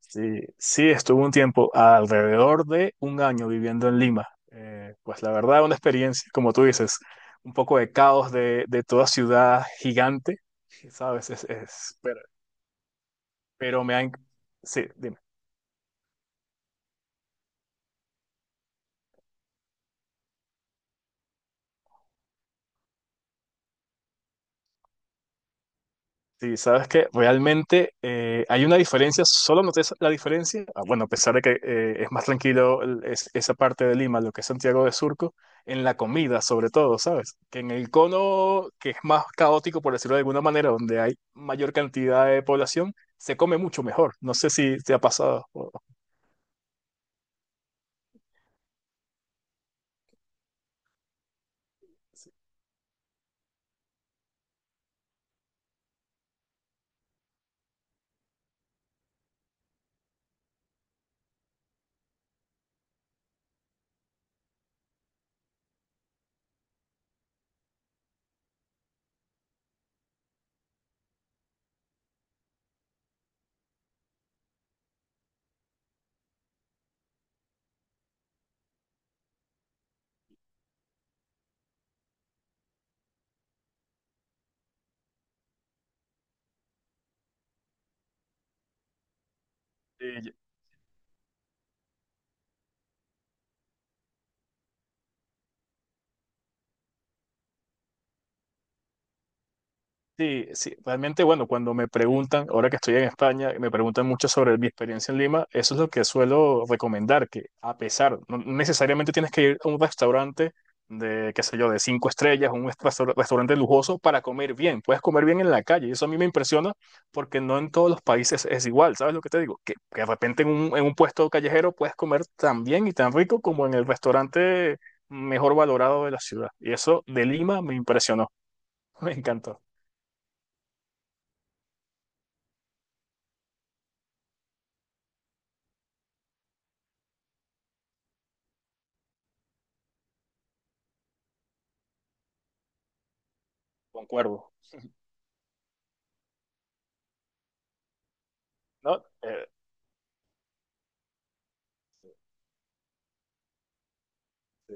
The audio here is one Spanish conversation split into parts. Sí, sí, estuve un tiempo, alrededor de un año viviendo en Lima. Pues la verdad, una experiencia, como tú dices, un poco de caos de toda ciudad gigante, ¿sabes? Pero me han... Sí, dime. Sí, sabes que realmente hay una diferencia, solo noté la diferencia, ah, bueno, a pesar de que es más tranquilo esa parte de Lima, lo que es Santiago de Surco, en la comida sobre todo, ¿sabes? Que en el cono, que es más caótico, por decirlo de alguna manera, donde hay mayor cantidad de población, se come mucho mejor. No sé si te ha pasado. Sí, sí, realmente, bueno, cuando me preguntan, ahora que estoy en España, me preguntan mucho sobre mi experiencia en Lima, eso es lo que suelo recomendar, que a pesar, no necesariamente tienes que ir a un restaurante de, qué sé yo, de cinco estrellas, un restaurante lujoso para comer bien, puedes comer bien en la calle, y eso a mí me impresiona porque no en todos los países es igual, ¿sabes lo que te digo? Que de repente en un puesto callejero puedes comer tan bien y tan rico como en el restaurante mejor valorado de la ciudad, y eso de Lima me impresionó, me encantó, concuerdo. No, sí,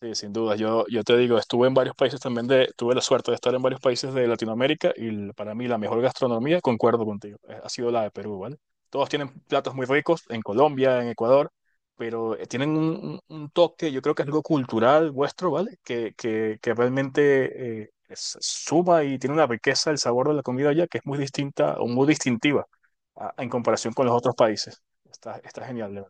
sí, sin duda. Yo te digo, estuve en varios países también de, tuve la suerte de estar en varios países de Latinoamérica y para mí la mejor gastronomía, concuerdo contigo, ha sido la de Perú, ¿vale? Todos tienen platos muy ricos en Colombia, en Ecuador, pero tienen un toque, yo creo que es algo cultural vuestro, ¿vale? Que realmente suma y tiene una riqueza el sabor de la comida allá que es muy distinta o muy distintiva en comparación con los otros países. Está, está genial.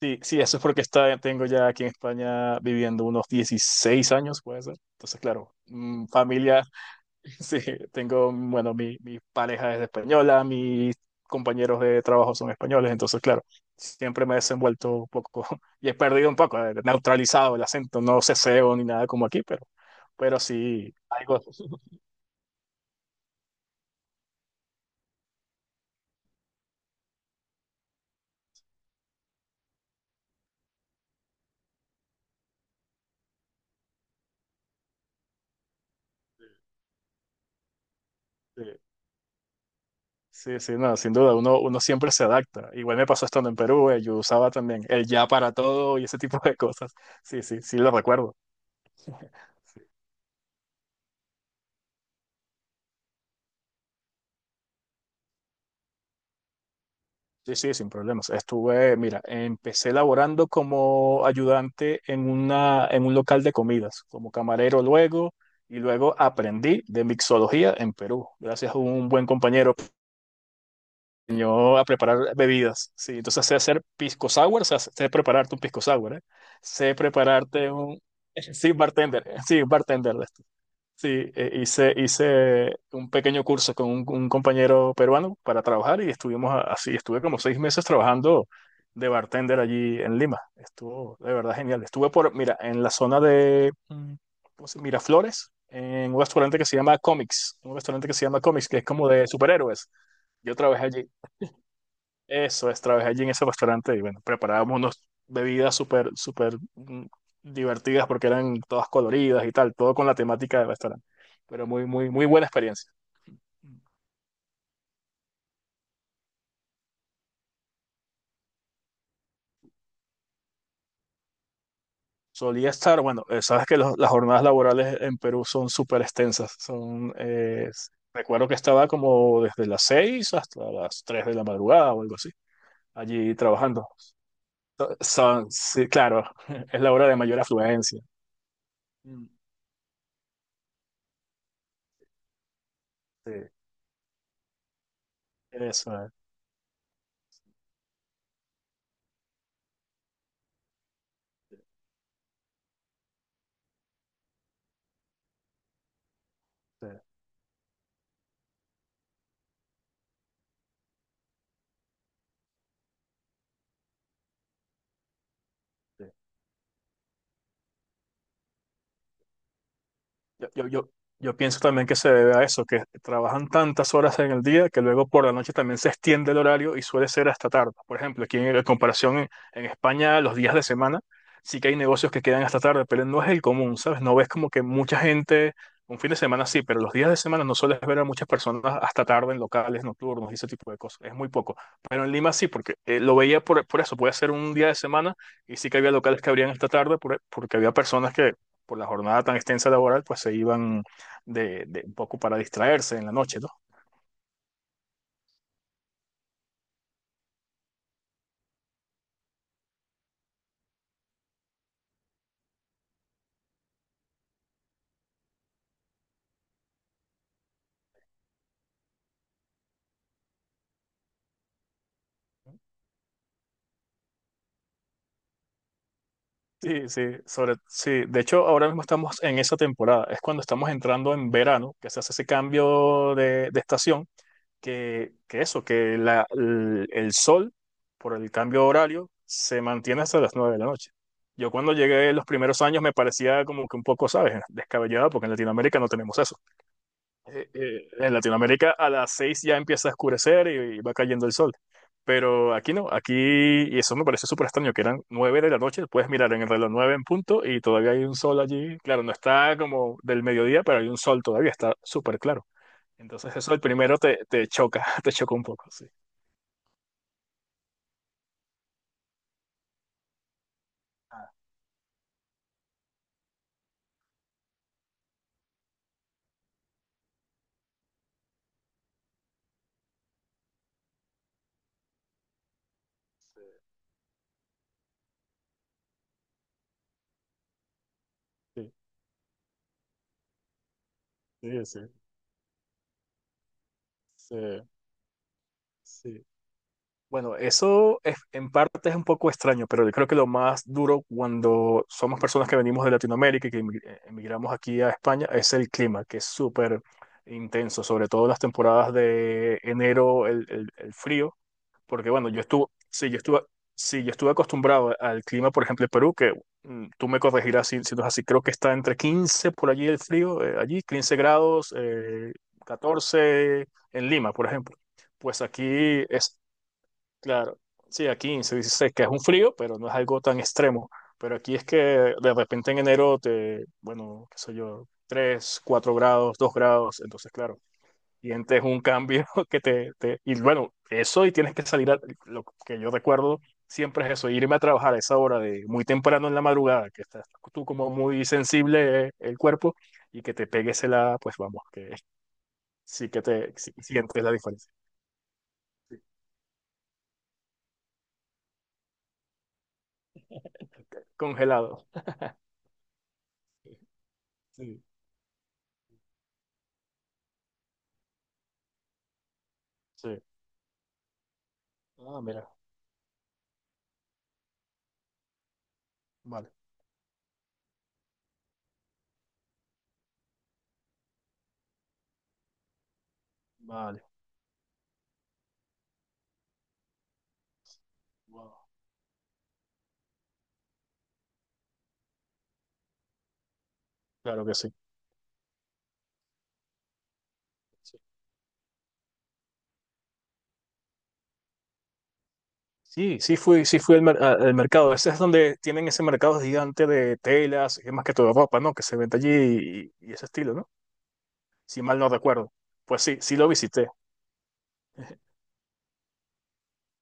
Sí, sí, eso es porque está, tengo ya aquí en España viviendo unos 16 años, puede ser. Entonces, claro, familia. Sí, tengo, bueno, mi pareja es española, mis compañeros de trabajo son españoles, entonces, claro, siempre me he desenvuelto un poco y he perdido un poco, neutralizado el acento, no ceseo ni nada como aquí, pero sí, algo. Sí, sí, sí, no, sin duda, uno, uno siempre se adapta. Igual me pasó estando en Perú, yo usaba también el ya para todo y ese tipo de cosas. Sí, sí, sí, lo recuerdo. Sí, sí, sin problemas. Estuve, mira, empecé laborando como ayudante en una, en un local de comidas, como camarero luego, y luego aprendí de mixología en Perú, gracias a un buen compañero que me enseñó a preparar bebidas. Sí, entonces sé hacer pisco sour, sé, sé prepararte un pisco sour, ¿eh? Sé prepararte un... Sí, bartender, sí, bartender. Sí, hice, hice un pequeño curso con un compañero peruano para trabajar y estuvimos así, estuve como 6 meses trabajando de bartender allí en Lima. Estuvo de verdad genial. Estuve por, mira, en la zona de ¿cómo Miraflores, en un restaurante que se llama Comics, un restaurante que se llama Comics, que es como de superhéroes. Yo trabajé allí. Eso es, trabajé allí en ese restaurante y bueno, preparábamos unas bebidas súper, súper divertidas porque eran todas coloridas y tal, todo con la temática del restaurante. Pero muy, muy, muy buena experiencia. Solía estar, bueno, sabes que las jornadas laborales en Perú son súper extensas. Son, recuerdo que estaba como desde las 6 hasta las 3 de la madrugada o algo así, allí trabajando. Son, sí, claro, es la hora de mayor afluencia. Mm. Sí, eso es. Sí, sí. Yo, yo, yo, yo pienso también que se debe a eso, que trabajan tantas horas en el día que luego por la noche también se extiende el horario y suele ser hasta tarde. Por ejemplo, aquí en comparación en España, los días de semana sí que hay negocios que quedan hasta tarde, pero no es el común, ¿sabes? No ves como que mucha gente, un fin de semana sí, pero los días de semana no sueles ver a muchas personas hasta tarde en locales nocturnos y ese tipo de cosas. Es muy poco. Pero en Lima sí, porque lo veía por eso, puede ser un día de semana y sí que había locales que abrían hasta tarde porque había personas que por la jornada tan extensa laboral, pues se iban de un poco para distraerse en la noche, ¿no? Sí, sí, sobre, sí, de hecho ahora mismo estamos en esa temporada, es cuando estamos entrando en verano, que se hace ese cambio de estación, que eso, que la, el sol, por el cambio horario, se mantiene hasta las 9 de la noche. Yo cuando llegué los primeros años me parecía como que un poco, ¿sabes? Descabellado, porque en Latinoamérica no tenemos eso. En Latinoamérica a las 6 ya empieza a oscurecer y va cayendo el sol. Pero aquí no, aquí, y eso me parece súper extraño, que eran 9 de la noche, puedes mirar en el reloj 9 en punto y todavía hay un sol allí. Claro, no está como del mediodía, pero hay un sol todavía, está súper claro. Entonces eso el primero te, te choca, te choca un poco, sí. Sí, sí, sí. Sí, sí. Bueno, eso es, en parte es un poco extraño, pero yo creo que lo más duro cuando somos personas que venimos de Latinoamérica y que emigramos aquí a España es el clima, que es súper intenso, sobre todo en las temporadas de enero, el frío, porque bueno, yo estuve, sí, yo estuve, sí, yo estuve acostumbrado al clima, por ejemplo, en Perú, que tú me corregirás si, si no es así, creo que está entre 15 por allí el frío, allí 15 grados, 14 en Lima, por ejemplo. Pues aquí es, claro, sí, aquí se dice que es un frío, pero no es algo tan extremo. Pero aquí es que de repente en enero te, bueno, qué sé yo, 3, 4 grados, 2 grados, entonces claro, sientes un cambio que te, y bueno, eso y tienes que salir, lo que yo recuerdo siempre es eso, irme a trabajar a esa hora de muy temprano en la madrugada, que estás tú como muy sensible el cuerpo y que te pegues la, pues vamos, que sí que te sientes la diferencia. Sí. Congelado. Sí, sí. Ah, mira. Vale, vale. Wow. Claro que sí. Sí, sí fui al, al mercado. Ese es donde tienen ese mercado gigante de telas, es más que todo ropa, ¿no? Que se vende allí y ese estilo, ¿no? Si mal no recuerdo. Pues sí, sí lo visité.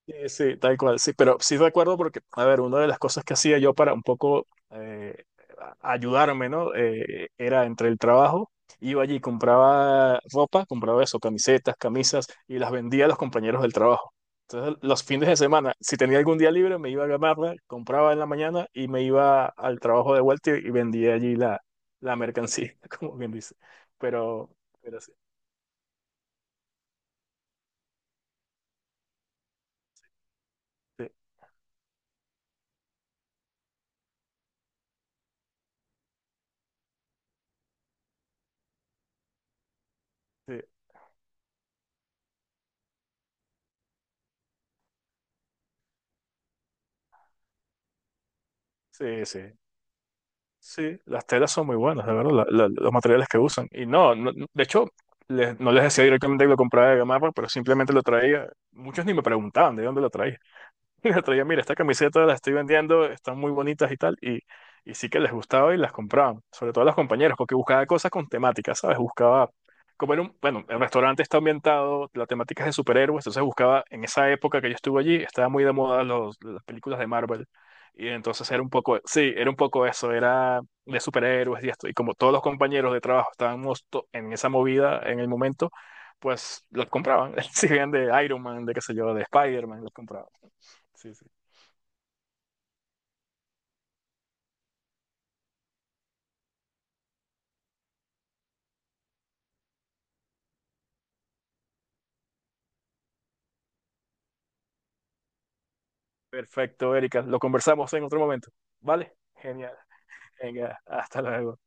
Sí, sí, tal cual, sí, pero sí recuerdo porque, a ver, una de las cosas que hacía yo para un poco ayudarme, ¿no? Era entre el trabajo, iba allí, compraba ropa, compraba eso, camisetas, camisas, y las vendía a los compañeros del trabajo. Entonces, los fines de semana, si tenía algún día libre, me iba a ganarla, compraba en la mañana y me iba al trabajo de vuelta y vendía allí la, la mercancía, como bien dice. Pero, pero sí, sí, sí, sí. Sí. Sí, las telas son muy buenas, de verdad, los materiales que usan. Y no, de hecho, no les decía directamente que lo compraba de Gamarra, pero simplemente lo traía. Muchos ni me preguntaban de dónde lo traía. Y el otro día, mira, esta camiseta la estoy vendiendo, están muy bonitas y tal, y sí que les gustaba y las compraban, sobre todo a los compañeros, porque buscaba cosas con temática, ¿sabes? Buscaba, como en un, bueno, el restaurante está ambientado, la temática es de superhéroes, entonces buscaba, en esa época que yo estuve allí, estaba muy de moda los, las películas de Marvel, y entonces era un poco, sí, era un poco eso, era de superhéroes y esto, y como todos los compañeros de trabajo estábamos en esa movida en el momento, pues los compraban, si bien de Iron Man, de qué sé yo, de Spider-Man, los compraban. Sí, sí. Perfecto, Erika. Lo conversamos en otro momento. ¿Vale? Genial. Venga, hasta luego.